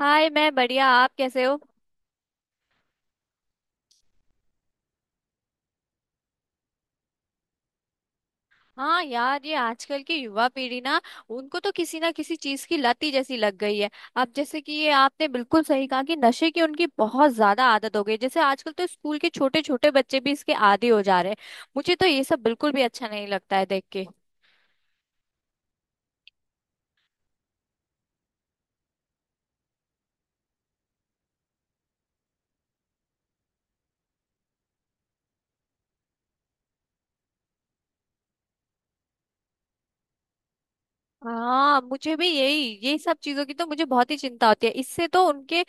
हाय, मैं बढ़िया। आप कैसे हो? हाँ यार, ये आजकल की युवा पीढ़ी ना, उनको तो किसी ना किसी चीज की लत ही जैसी लग गई है। अब जैसे कि ये आपने बिल्कुल सही कहा कि नशे की उनकी बहुत ज्यादा आदत हो गई। जैसे आजकल तो स्कूल के छोटे छोटे बच्चे भी इसके आदी हो जा रहे हैं। मुझे तो ये सब बिल्कुल भी अच्छा नहीं लगता है देख के। हाँ, मुझे भी यही यही सब चीजों की तो मुझे बहुत ही चिंता होती है। इससे तो उनके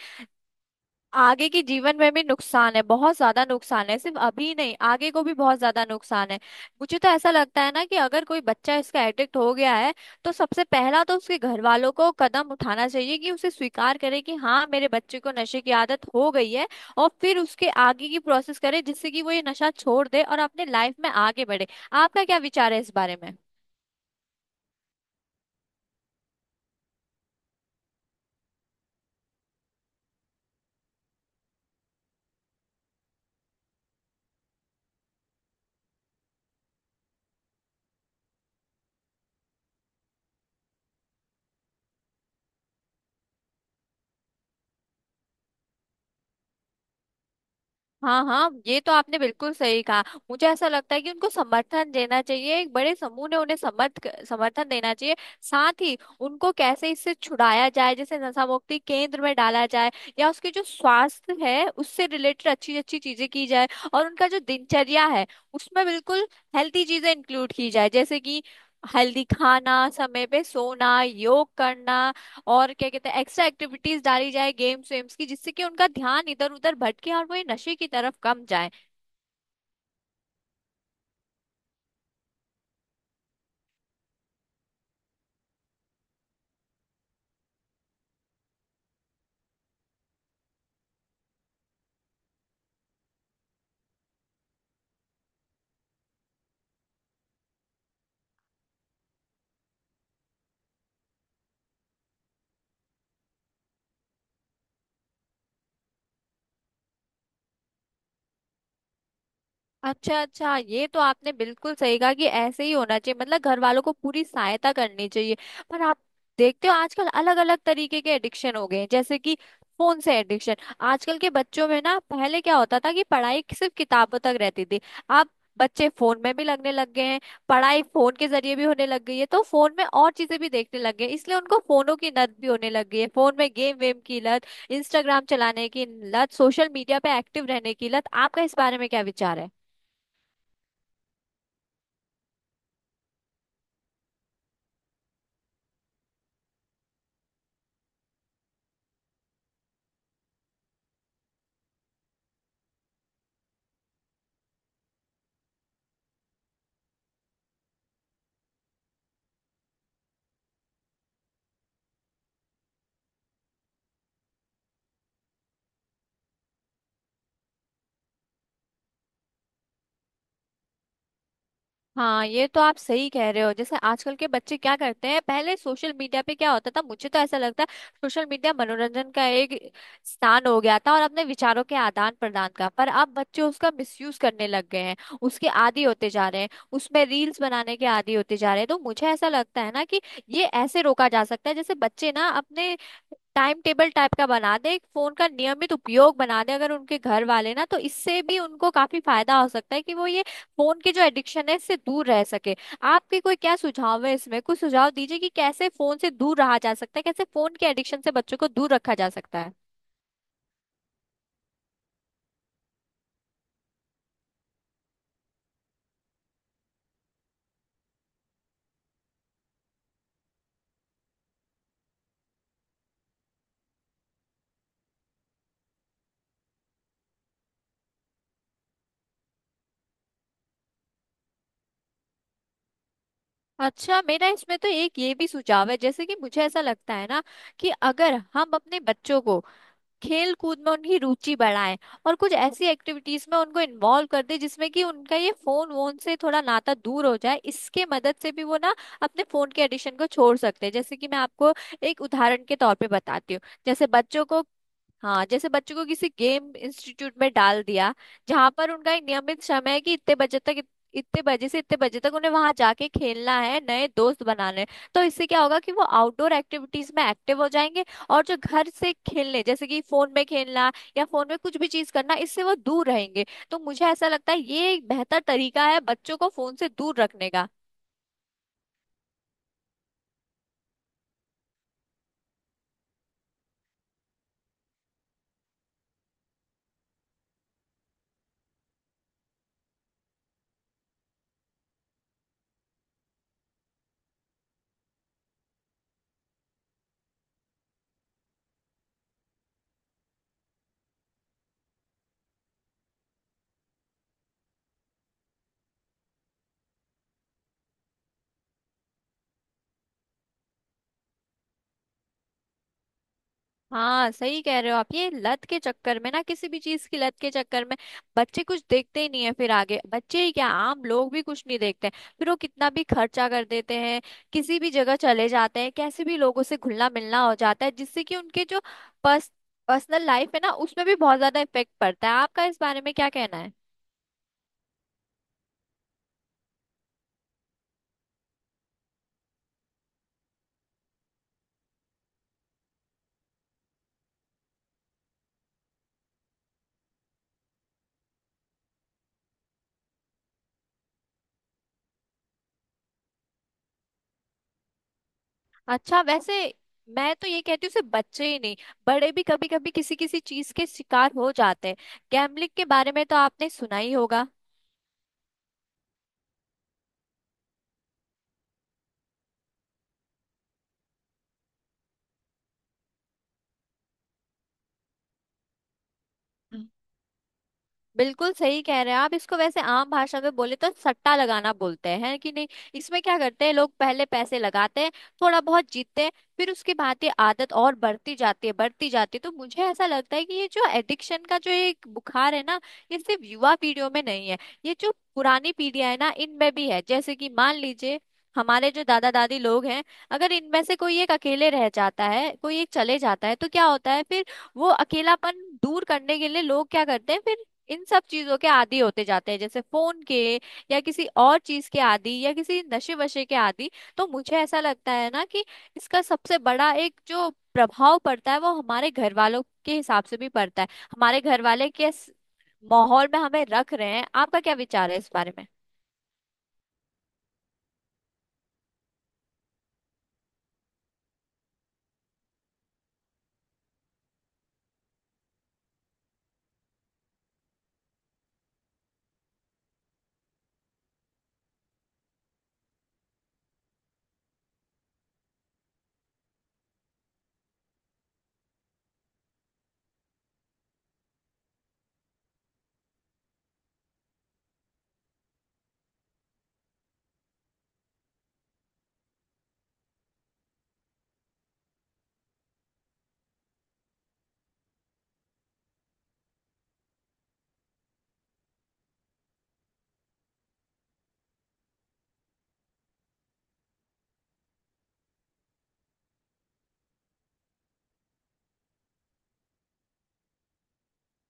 आगे के जीवन में भी नुकसान है, बहुत ज्यादा नुकसान है। सिर्फ अभी नहीं, आगे को भी बहुत ज्यादा नुकसान है। मुझे तो ऐसा लगता है ना कि अगर कोई बच्चा इसका एडिक्ट हो गया है, तो सबसे पहला तो उसके घर वालों को कदम उठाना चाहिए कि उसे स्वीकार करे कि हाँ, मेरे बच्चे को नशे की आदत हो गई है। और फिर उसके आगे की प्रोसेस करे जिससे कि वो ये नशा छोड़ दे और अपने लाइफ में आगे बढ़े। आपका क्या विचार है इस बारे में? हाँ हाँ, ये तो आपने बिल्कुल सही कहा। मुझे ऐसा लगता है कि उनको समर्थन देना चाहिए, एक बड़े समूह ने उन्हें समर्थन देना चाहिए। साथ ही उनको कैसे इससे छुड़ाया जाए, जैसे नशा मुक्ति केंद्र में डाला जाए, या उसके जो स्वास्थ्य है उससे रिलेटेड अच्छी अच्छी चीजें की जाए। और उनका जो दिनचर्या है, उसमें बिल्कुल हेल्थी चीजें इंक्लूड की जाए। जैसे कि हेल्दी खाना, समय पे सोना, योग करना, और क्या कहते हैं एक्स्ट्रा एक्टिविटीज डाली जाए, गेम्स वेम्स की, जिससे कि उनका ध्यान इधर उधर भटके और वो ये नशे की तरफ कम जाए। अच्छा अच्छा, ये तो आपने बिल्कुल सही कहा कि ऐसे ही होना चाहिए। मतलब घर वालों को पूरी सहायता करनी चाहिए। पर आप देखते हो आजकल अलग अलग तरीके के एडिक्शन हो गए हैं। जैसे कि फोन से एडिक्शन, आजकल के बच्चों में ना, पहले क्या होता था कि पढ़ाई सिर्फ किताबों तक रहती थी। अब बच्चे फोन में भी लगने लग गए हैं, पढ़ाई फोन के जरिए भी होने लग गई है, तो फोन में और चीजें भी देखने लग गए हैं, इसलिए उनको फोनों की लत भी होने लग गई है। फोन में गेम वेम की लत, इंस्टाग्राम चलाने की लत, सोशल मीडिया पे एक्टिव रहने की लत। आपका इस बारे में क्या विचार है? हाँ, ये तो आप सही कह रहे हो। जैसे आजकल के बच्चे क्या करते हैं, पहले सोशल मीडिया पे क्या होता था, मुझे तो ऐसा लगता है सोशल मीडिया मनोरंजन का एक स्थान हो गया था, और अपने विचारों के आदान प्रदान का। पर अब बच्चे उसका मिसयूज करने लग गए हैं, उसके आदी होते जा रहे हैं, उसमें रील्स बनाने के आदी होते जा रहे हैं। तो मुझे ऐसा लगता है ना कि ये ऐसे रोका जा सकता है, जैसे बच्चे ना अपने टाइम टेबल टाइप का बना दे, एक फोन का नियमित उपयोग बना दे अगर उनके घर वाले ना, तो इससे भी उनको काफी फायदा हो सकता है कि वो ये फोन की जो एडिक्शन है, इससे दूर रह सके। आपके कोई क्या सुझाव है इसमें? कुछ सुझाव दीजिए कि कैसे फोन से दूर रहा जा सकता है, कैसे फोन के एडिक्शन से बच्चों को दूर रखा जा सकता है। अच्छा, मेरा इसमें तो एक ये भी सुझाव है। जैसे कि मुझे ऐसा लगता है ना कि अगर हम अपने बच्चों को खेल कूद में उनकी रुचि बढ़ाएं और कुछ ऐसी एक्टिविटीज में उनको इन्वॉल्व कर दें जिसमें कि उनका ये फोन वोन से थोड़ा नाता दूर हो जाए, इसके मदद से भी वो ना अपने फोन के एडिक्शन को छोड़ सकते हैं। जैसे कि मैं आपको एक उदाहरण के तौर पे बताती हूँ। जैसे बच्चों को, हाँ, जैसे बच्चों को किसी गेम इंस्टीट्यूट में डाल दिया, जहां पर उनका एक नियमित समय है कि इतने बजे से इतने बजे तक उन्हें वहां जाके खेलना है, नए दोस्त बनाने हैं। तो इससे क्या होगा कि वो आउटडोर एक्टिविटीज में एक्टिव हो जाएंगे, और जो घर से खेलने जैसे कि फोन में खेलना या फोन में कुछ भी चीज करना, इससे वो दूर रहेंगे। तो मुझे ऐसा लगता है ये एक बेहतर तरीका है बच्चों को फोन से दूर रखने का। हाँ, सही कह रहे हो आप। ये लत के चक्कर में ना, किसी भी चीज की लत के चक्कर में बच्चे कुछ देखते ही नहीं है। फिर आगे बच्चे ही क्या, आम लोग भी कुछ नहीं देखते। फिर वो कितना भी खर्चा कर देते हैं, किसी भी जगह चले जाते हैं, कैसे भी लोगों से घुलना मिलना हो जाता है, जिससे कि उनके जो पर्स पर्सनल लाइफ है ना, उसमें भी बहुत ज्यादा इफेक्ट पड़ता है। आपका इस बारे में क्या कहना है? अच्छा, वैसे मैं तो ये कहती हूँ सिर्फ बच्चे ही नहीं, बड़े भी कभी कभी किसी किसी चीज के शिकार हो जाते हैं। गैम्बलिंग के बारे में तो आपने सुना ही होगा। बिल्कुल सही कह रहे हैं आप। इसको वैसे आम भाषा में बोले तो सट्टा लगाना बोलते हैं कि नहीं। इसमें क्या करते हैं लोग पहले पैसे लगाते हैं, थोड़ा बहुत जीतते हैं, फिर उसके बाद ये आदत और बढ़ती जाती है, बढ़ती जाती है। तो मुझे ऐसा लगता है कि ये जो एडिक्शन का जो एक बुखार है ना, ये सिर्फ युवा पीढ़ियों में नहीं है, ये जो पुरानी पीढ़ियां है ना, इनमें भी है। जैसे कि मान लीजिए हमारे जो दादा दादी लोग हैं, अगर इनमें से कोई एक अकेले रह जाता है, कोई एक चले जाता है, तो क्या होता है फिर? वो अकेलापन दूर करने के लिए लोग क्या करते हैं फिर? इन सब चीजों के आदी होते जाते हैं, जैसे फोन के या किसी और चीज के आदी, या किसी नशे वशे के आदी। तो मुझे ऐसा लगता है ना कि इसका सबसे बड़ा एक जो प्रभाव पड़ता है, वो हमारे घर वालों के हिसाब से भी पड़ता है। हमारे घर वाले किस माहौल में हमें रख रहे हैं? आपका क्या विचार है इस बारे में?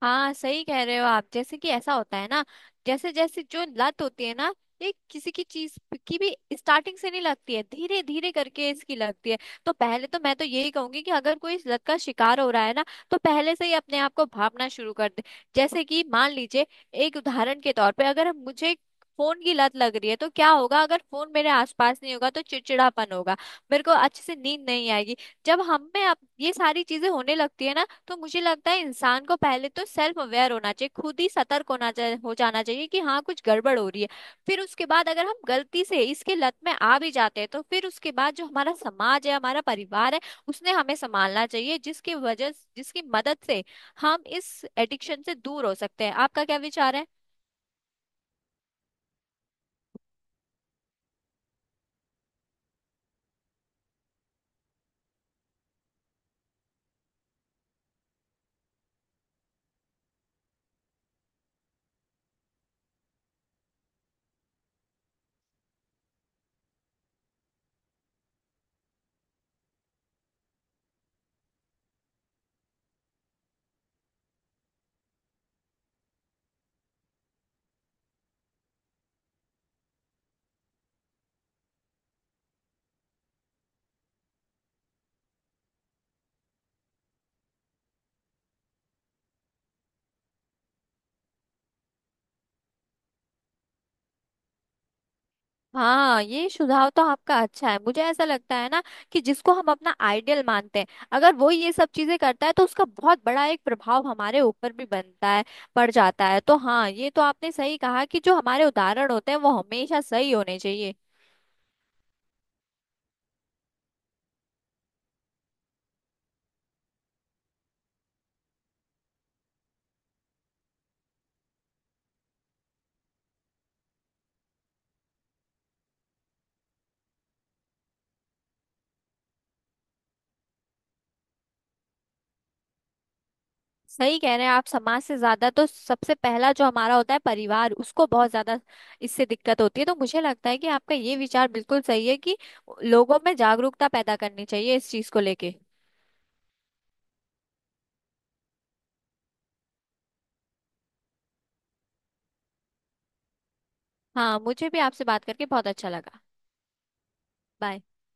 हाँ, सही कह रहे हो आप। जैसे कि ऐसा होता है ना, जैसे जैसे जो लत होती है ना, ये किसी की चीज की भी स्टार्टिंग से नहीं लगती है, धीरे धीरे करके इसकी लगती है। तो पहले तो मैं तो यही कहूंगी कि अगर कोई इस लत का शिकार हो रहा है ना, तो पहले से ही अपने आप को भांपना शुरू कर दे। जैसे कि मान लीजिए, एक उदाहरण के तौर पे, अगर मुझे फोन की लत लग रही है, तो क्या होगा अगर फोन मेरे आसपास नहीं होगा तो चिड़चिड़ापन होगा, मेरे को अच्छे से नींद नहीं आएगी। जब हम में अब ये सारी चीजें होने लगती है ना, तो मुझे लगता है इंसान को पहले तो सेल्फ अवेयर होना चाहिए, खुद ही सतर्क होना चाहिए, हो जाना चाहिए कि हाँ कुछ गड़बड़ हो रही है। फिर उसके बाद अगर हम गलती से इसके लत में आ भी जाते हैं, तो फिर उसके बाद जो हमारा समाज है, हमारा परिवार है, उसने हमें संभालना चाहिए, जिसकी वजह जिसकी मदद से हम इस एडिक्शन से दूर हो सकते हैं। आपका क्या विचार है? हाँ, ये सुझाव तो आपका अच्छा है। मुझे ऐसा लगता है ना कि जिसको हम अपना आइडियल मानते हैं, अगर वो ये सब चीजें करता है, तो उसका बहुत बड़ा एक प्रभाव हमारे ऊपर भी बनता है, पड़ जाता है। तो हाँ, ये तो आपने सही कहा कि जो हमारे उदाहरण होते हैं, वो हमेशा सही होने चाहिए। सही कह रहे हैं आप। समाज से ज्यादा तो सबसे पहला जो हमारा होता है परिवार, उसको बहुत ज्यादा इससे दिक्कत होती है। तो मुझे लगता है कि आपका ये विचार बिल्कुल सही है कि लोगों में जागरूकता पैदा करनी चाहिए इस चीज को लेके। हाँ, मुझे भी आपसे बात करके बहुत अच्छा लगा। बाय।